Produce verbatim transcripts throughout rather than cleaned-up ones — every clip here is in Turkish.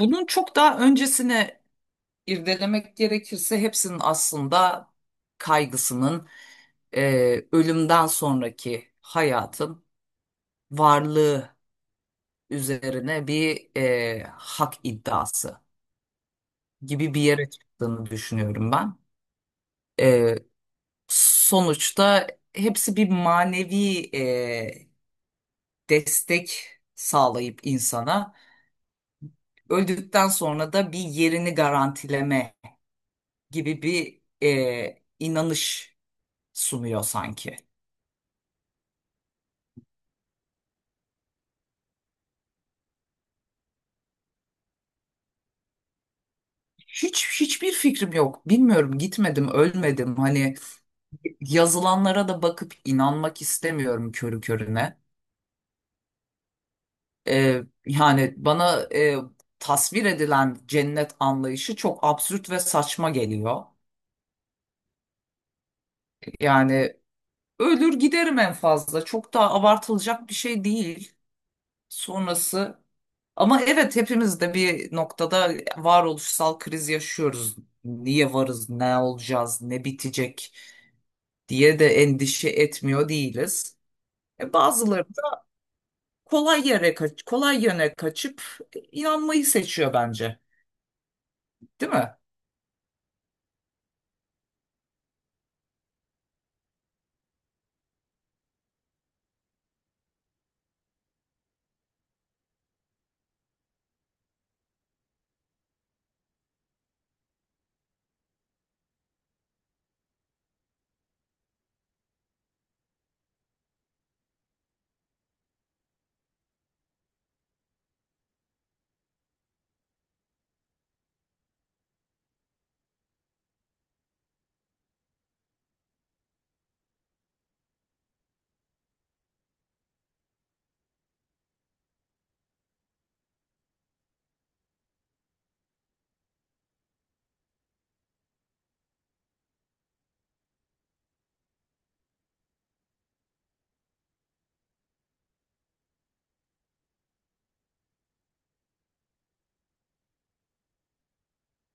Bunun çok daha öncesine irdelemek gerekirse hepsinin aslında kaygısının e, ölümden sonraki hayatın varlığı üzerine bir e, hak iddiası gibi bir yere çıktığını düşünüyorum ben. E, sonuçta hepsi bir manevi e, destek sağlayıp insana öldükten sonra da bir yerini garantileme gibi bir e, inanış sunuyor sanki. Hiç hiçbir fikrim yok. Bilmiyorum, gitmedim, ölmedim. Hani yazılanlara da bakıp inanmak istemiyorum körü körüne. Ee, yani bana e, tasvir edilen cennet anlayışı çok absürt ve saçma geliyor. Yani ölür giderim en fazla. Çok da abartılacak bir şey değil. Sonrası ama evet, hepimiz de bir noktada varoluşsal kriz yaşıyoruz. Niye varız, ne olacağız, ne bitecek, diye de endişe etmiyor değiliz. E, bazıları da kolay yere kaç kolay yöne kaçıp inanmayı seçiyor bence. Değil mi?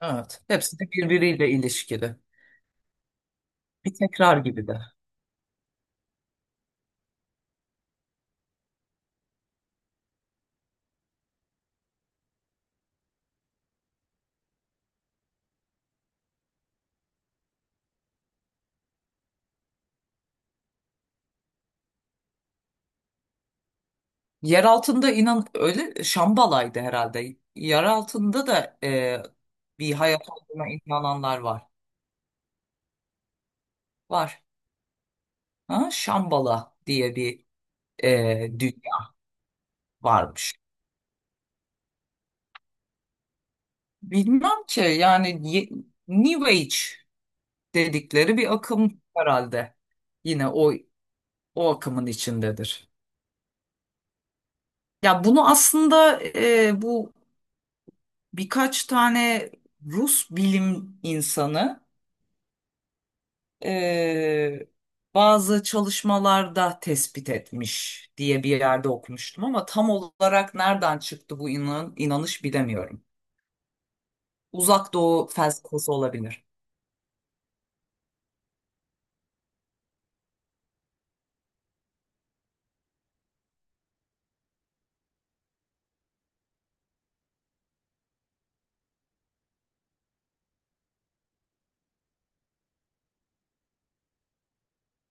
Evet. Hepsi de birbiriyle ilişkili. Bir tekrar gibi de. Yer altında inan öyle Şambala'ydı herhalde. Yer altında da e, bir hayat olduğuna inananlar var. Var. Ha? Şambala diye bir e, dünya varmış. Bilmem ki yani ye- New Age dedikleri bir akım herhalde. Yine o o akımın içindedir. Ya bunu aslında e, bu birkaç tane Rus bilim insanı e, bazı çalışmalarda tespit etmiş diye bir yerde okumuştum ama tam olarak nereden çıktı bu inan- inanış bilemiyorum. Uzak Doğu felsefesi olabilir.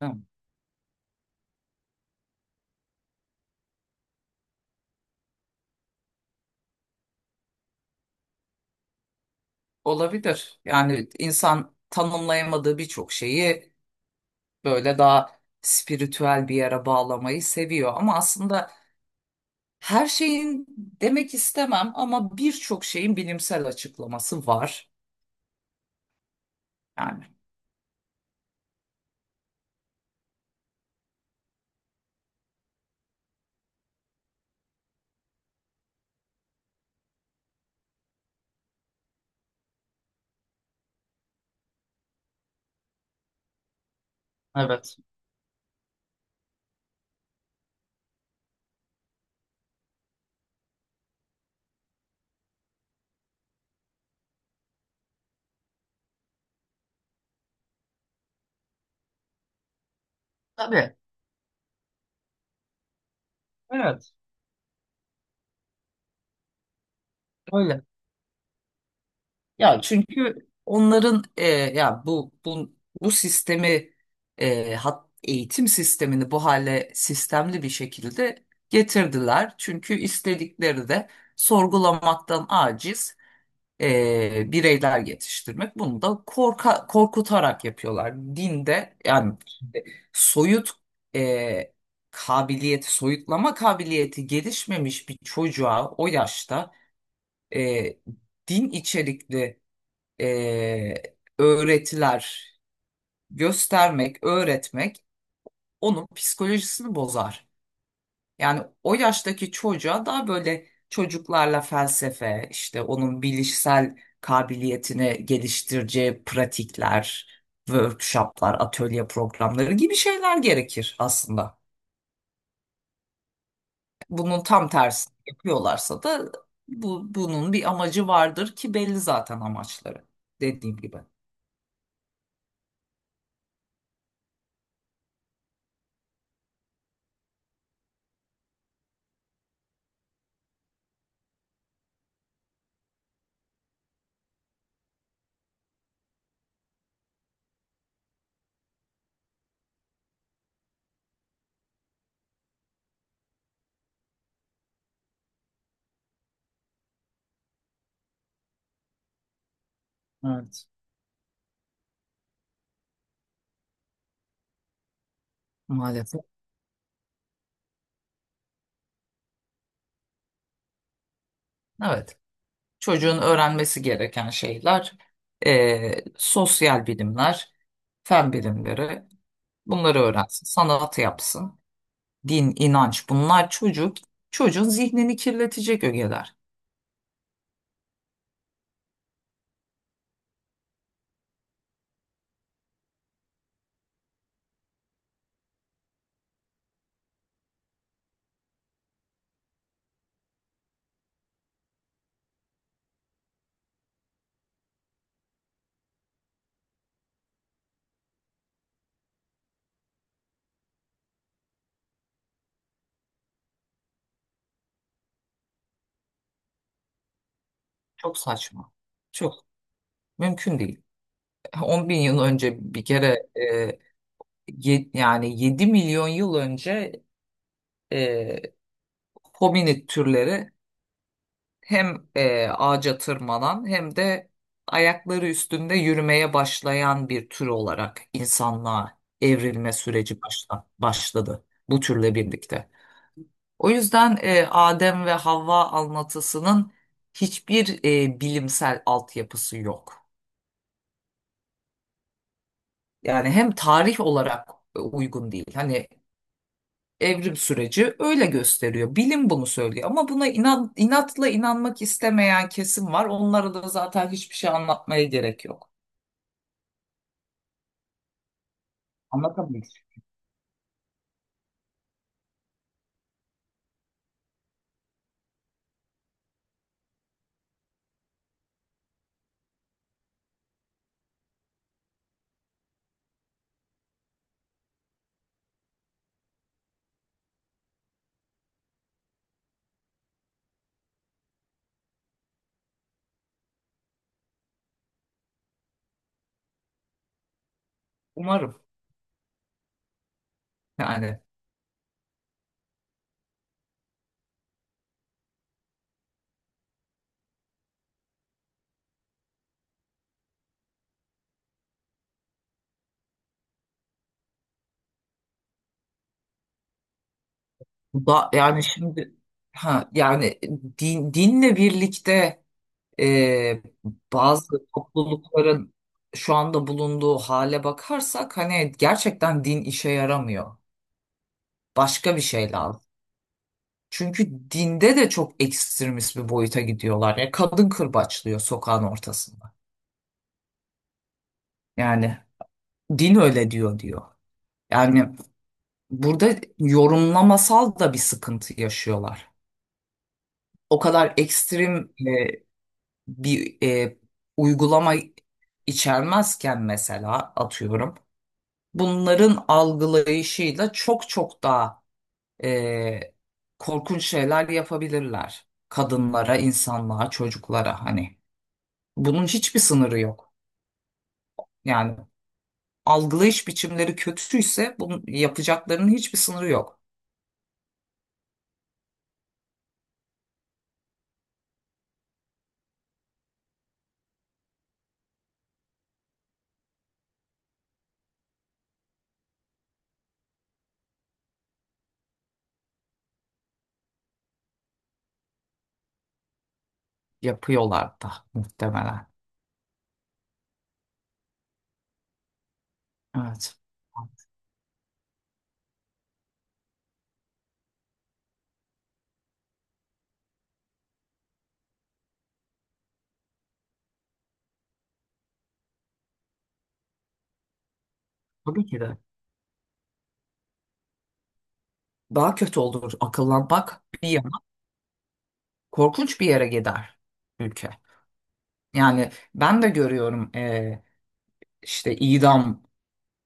Hı. Olabilir. Yani insan tanımlayamadığı birçok şeyi böyle daha spiritüel bir yere bağlamayı seviyor. Ama aslında her şeyin demek istemem ama birçok şeyin bilimsel açıklaması var yani. Evet. Tabii. Evet. Öyle. Ya çünkü onların e, ya bu bu bu sistemi e, hat, eğitim sistemini bu hale sistemli bir şekilde getirdiler. Çünkü istedikleri de sorgulamaktan aciz e, bireyler yetiştirmek. Bunu da korka, korkutarak yapıyorlar. Dinde yani soyut e, kabiliyeti, soyutlama kabiliyeti gelişmemiş bir çocuğa o yaşta e, din içerikli e, öğretiler göstermek, öğretmek onun psikolojisini bozar. Yani o yaştaki çocuğa daha böyle çocuklarla felsefe, işte onun bilişsel kabiliyetini geliştireceği pratikler, workshoplar, atölye programları gibi şeyler gerekir aslında. Bunun tam tersini yapıyorlarsa da bu, bunun bir amacı vardır ki belli zaten amaçları. Dediğim gibi. Evet. Maalesef. Evet. Çocuğun öğrenmesi gereken şeyler e, sosyal bilimler, fen bilimleri, bunları öğrensin, sanat yapsın. Din, inanç, bunlar çocuk çocuğun zihnini kirletecek ögeler. Çok saçma. Çok mümkün değil. on bin yıl önce bir kere e, ye- yani yedi milyon yıl önce e, hominid türleri hem e, ağaca tırmanan hem de ayakları üstünde yürümeye başlayan bir tür olarak insanlığa evrilme süreci başla, başladı bu türle birlikte. O yüzden e, Adem ve Havva anlatısının hiçbir e, bilimsel altyapısı yok. Yani hem tarih olarak e, uygun değil. Hani evrim süreci öyle gösteriyor. Bilim bunu söylüyor ama buna inan, inatla inanmak istemeyen kesim var. Onlara da zaten hiçbir şey anlatmaya gerek yok. Anlatabilir. Umarım. Yani da yani şimdi ha yani din, dinle birlikte e, bazı toplulukların şu anda bulunduğu hale bakarsak hani gerçekten din işe yaramıyor. Başka bir şey lazım. Çünkü dinde de çok ekstremist bir boyuta gidiyorlar. Ya kadın kırbaçlıyor sokağın ortasında. Yani din öyle diyor diyor. Yani burada yorumlamasal da bir sıkıntı yaşıyorlar. O kadar ekstrem e, bir e, uygulama içermezken mesela atıyorum bunların algılayışıyla çok çok daha e, korkunç şeyler yapabilirler kadınlara, insanlığa, çocuklara, hani bunun hiçbir sınırı yok. Yani algılayış biçimleri kötüyse bunun yapacaklarının hiçbir sınırı yok. Yapıyorlar da muhtemelen. Evet. Tabii ki de. Daha kötü olur akıllanmak, bir korkunç bir yere gider ülke. Yani ben de görüyorum e, işte idam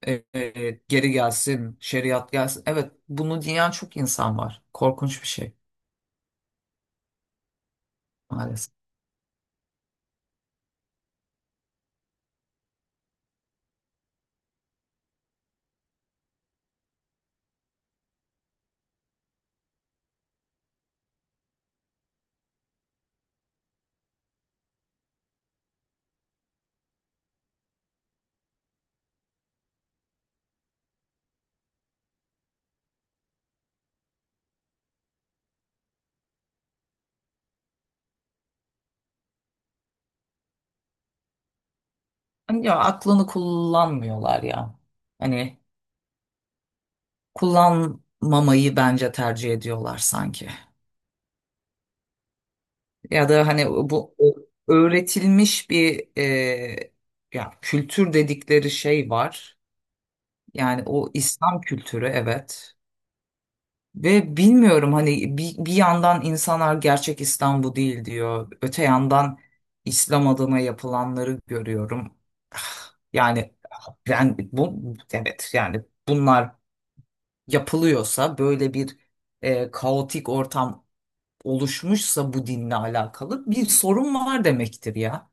e, e, geri gelsin, şeriat gelsin. Evet, bunu diyen çok insan var. Korkunç bir şey maalesef. Hani ya aklını kullanmıyorlar ya. Hani kullanmamayı bence tercih ediyorlar sanki. Ya da hani bu öğretilmiş bir e, ya kültür dedikleri şey var. Yani o İslam kültürü evet. Ve bilmiyorum hani bir, bir yandan insanlar gerçek İslam bu değil diyor. Öte yandan İslam adına yapılanları görüyorum. Ah, yani ben bu evet yani bunlar yapılıyorsa böyle bir e, kaotik ortam oluşmuşsa bu dinle alakalı bir sorun var demektir ya.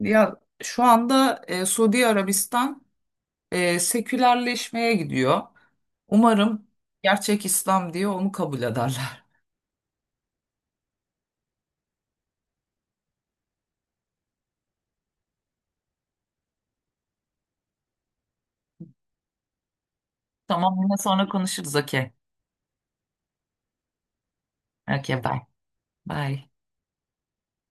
Ya şu anda e, Suudi Arabistan e, sekülerleşmeye gidiyor. Umarım gerçek İslam diye onu kabul ederler. Tamam, yine sonra konuşuruz. Okey. Okey, bye. Bye.